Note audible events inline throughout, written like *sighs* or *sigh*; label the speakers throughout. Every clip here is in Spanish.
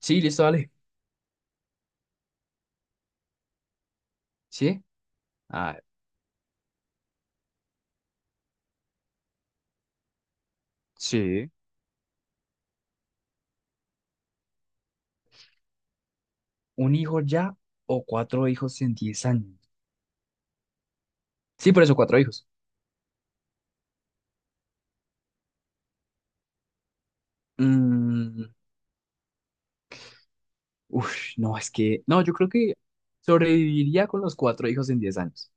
Speaker 1: Sí, listo, dale. ¿Sí? Ah, sí. ¿Un hijo ya o cuatro hijos en 10 años? Sí, por eso, cuatro hijos. Mm, uf, no, es que, no, yo creo que sobreviviría con los cuatro hijos en 10 años.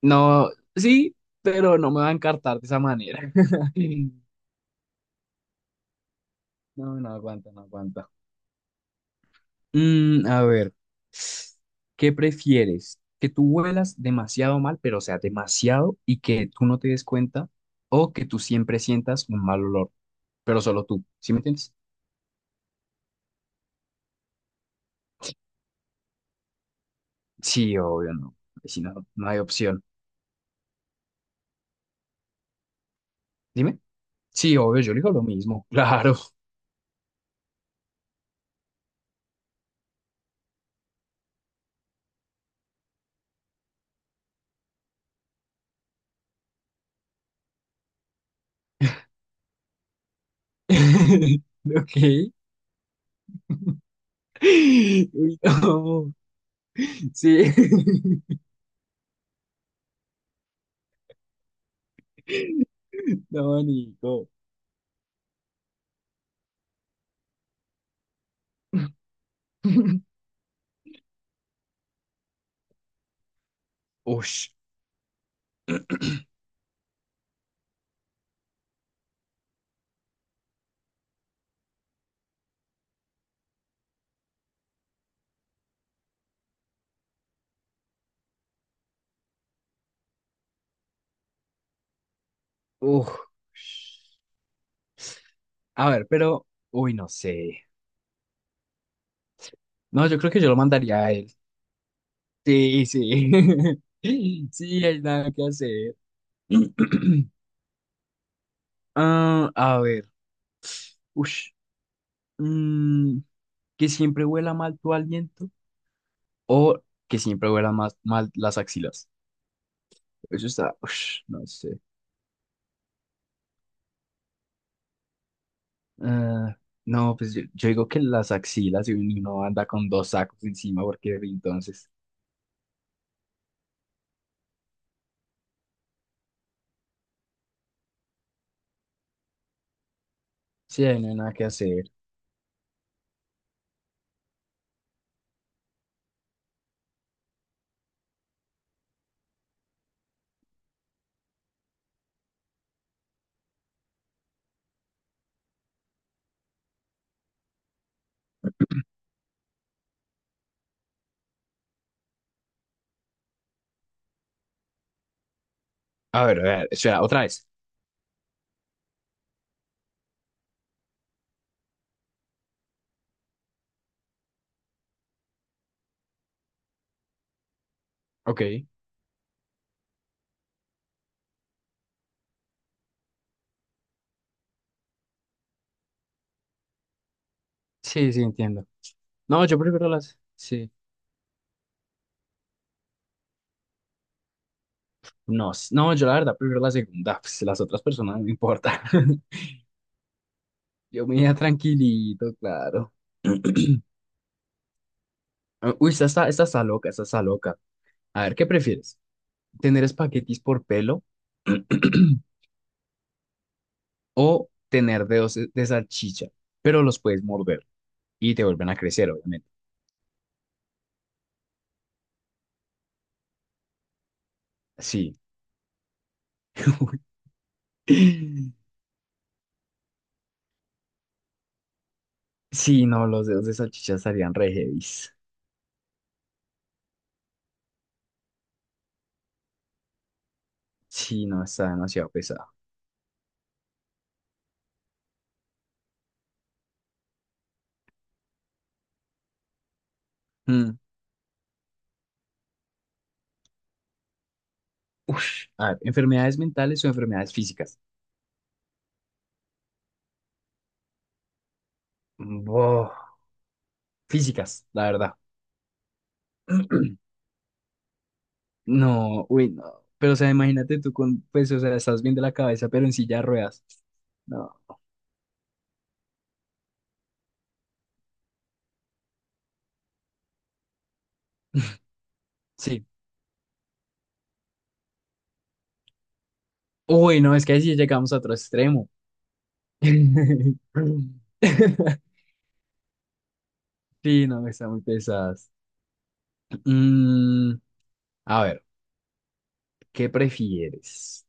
Speaker 1: No, sí, pero no me va a encartar de esa manera. *laughs* No, no aguanta, no aguanta. Mm, a ver, ¿qué prefieres? ¿Que tú huelas demasiado mal, pero o sea, demasiado y que tú no te des cuenta? ¿O que tú siempre sientas un mal olor? Pero solo tú. ¿Sí me entiendes? Sí, obvio, no. Ahí sí no, no hay opción. Dime. Sí, obvio, yo le digo lo mismo. Claro. *laughs* Ok. Uy, no. Sí. *laughs* No, Nico. *laughs* Ush. Uf. A ver, pero. Uy, no sé. No, yo creo que yo lo mandaría a él. Sí, sí. *laughs* Sí, hay nada que hacer. *clears throat* Ah, a ver. Ush. mm, que siempre huela mal tu aliento o que siempre huela más mal las axilas. Eso está, ush, no sé. Ah, no, pues yo, digo que las axilas y uno anda con dos sacos encima porque entonces sí, ahí no hay nada que hacer. A ver, espera, otra vez. Ok. Sí, sí, entiendo. No, yo prefiero las. No, no, yo la verdad prefiero la segunda, pues las otras personas no me importa. *laughs* Yo me iba tranquilito, claro. *clears throat* Uy, esta está loca, esta está loca. A ver, ¿qué prefieres? Tener espaguetis por pelo *clears throat* o tener dedos de salchicha, pero los puedes morder y te vuelven a crecer, obviamente. Sí. *laughs* Sí, no, los dedos de salchicha estarían re heavies. Sí, no, está demasiado pesado. Mm. Ush. A ver, enfermedades mentales o enfermedades físicas. Boh, físicas, la verdad. *clears throat* No, uy, no. Pero, o sea, imagínate tú con, pues, o sea, estás bien de la cabeza, pero en silla de ruedas. No, sí. Uy, no, es que ahí sí llegamos a otro extremo. *laughs* Sí, no, están muy pesadas. Mm, a ver, ¿qué prefieres?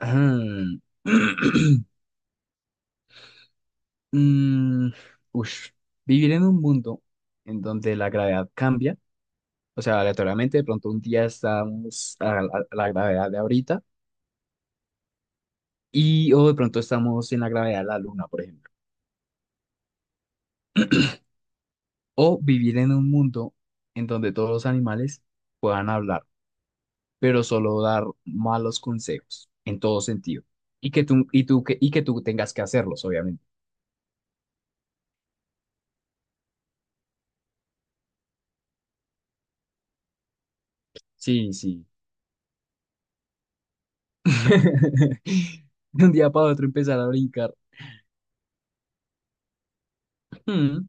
Speaker 1: Ah, *clears throat* mm, ush, vivir en un mundo en donde la gravedad cambia, o sea, aleatoriamente, de pronto un día estamos a la gravedad de ahorita y o de pronto estamos en la gravedad de la luna, por ejemplo. O vivir en un mundo en donde todos los animales puedan hablar, pero solo dar malos consejos en todo sentido. Y que tú, y tú, que, y que tú tengas que hacerlos, obviamente. Sí, sí. *laughs* De un día para otro empezar a brincar. Mm,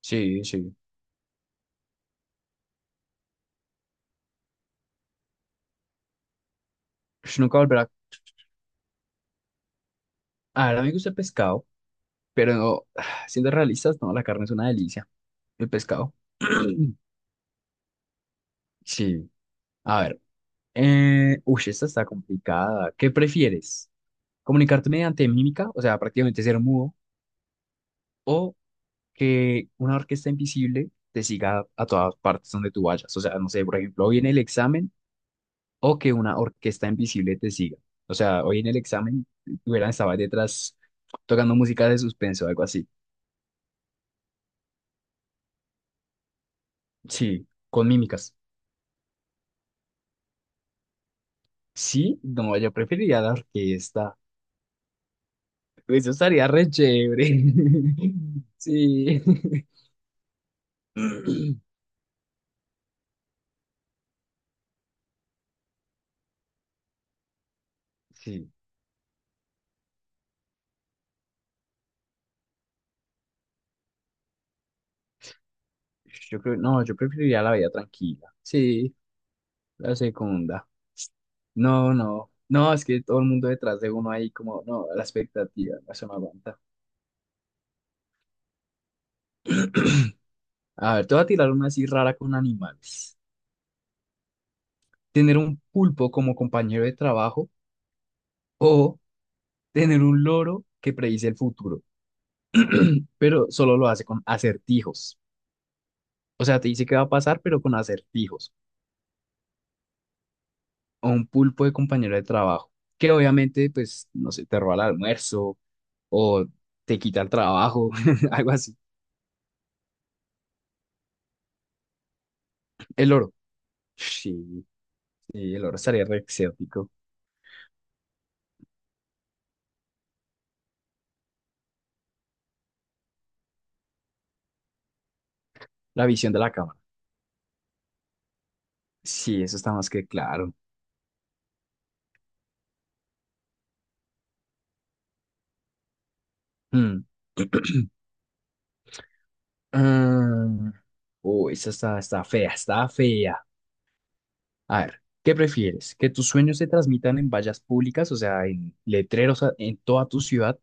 Speaker 1: sí, sí. Ush, nunca volverá. A ver, a mí me gusta el pescado, pero no, *sighs* siendo realistas, no, la carne es una delicia. El pescado. *clears throat* Sí. A ver. Uy, esta está complicada. ¿Qué prefieres? ¿Comunicarte mediante mímica, o sea, prácticamente ser mudo, o que una orquesta invisible te siga a todas partes donde tú vayas? O sea, no sé, por ejemplo, hoy en el examen o que una orquesta invisible te siga. O sea, hoy en el examen hubieran estado detrás tocando música de suspenso, algo así. Sí, con mímicas. Sí, no, yo preferiría la orquesta. Eso estaría re chévere. *laughs* Sí. *clears throat* Sí, yo creo, no, yo preferiría la vida tranquila. Sí. La segunda. No, no. No, es que todo el mundo detrás de uno ahí como, no, la expectativa, eso no me aguanta. A ver, te voy a tirar una así rara con animales. Tener un pulpo como compañero de trabajo o tener un loro que predice el futuro, pero solo lo hace con acertijos. O sea, te dice qué va a pasar, pero con acertijos. O un pulpo de compañero de trabajo, que obviamente, pues, no sé, te roba el almuerzo o te quita el trabajo, *laughs* algo así. El loro. Sí. Sí, el oro estaría re exótico. La visión de la cámara. Sí, eso está más que claro. Mm. *clears throat* Mm. Uy, está fea, está fea. A ver, ¿qué prefieres? ¿Que tus sueños se transmitan en vallas públicas, o sea, en letreros en toda tu ciudad?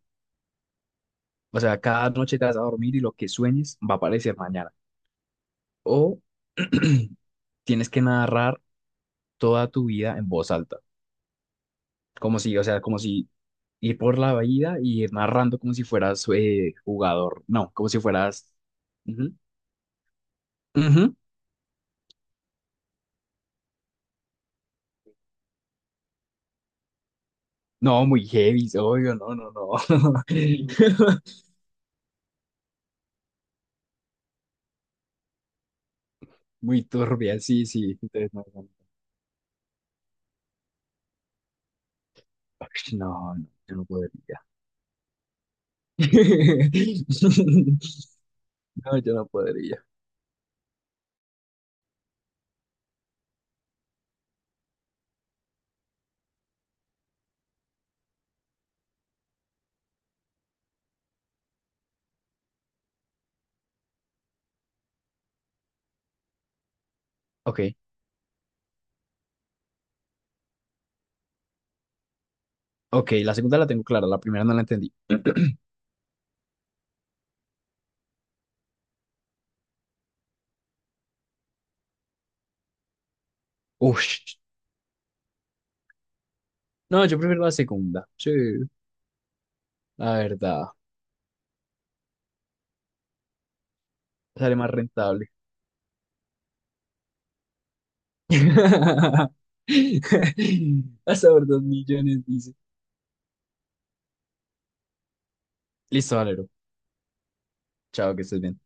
Speaker 1: O sea, cada noche te vas a dormir y lo que sueñes va a aparecer mañana. O *clears throat* tienes que narrar toda tu vida en voz alta, como si, o sea, como si ir por la vida y ir narrando como si fueras jugador, no, como si fueras... Ujú, ujú. No, muy heavy, obvio, no, no, no. *laughs* Muy turbia, sí, sí. Entonces, no, no, no, no, yo no podría. *laughs* No, yo no podría. Ok, ok, la segunda la tengo clara, la primera no la entendí. Ush. No, yo prefiero la segunda, sí, la verdad, sale más rentable. *laughs* Vas a saber, 2 millones, dice. Listo, Valero. Chao, que estés bien.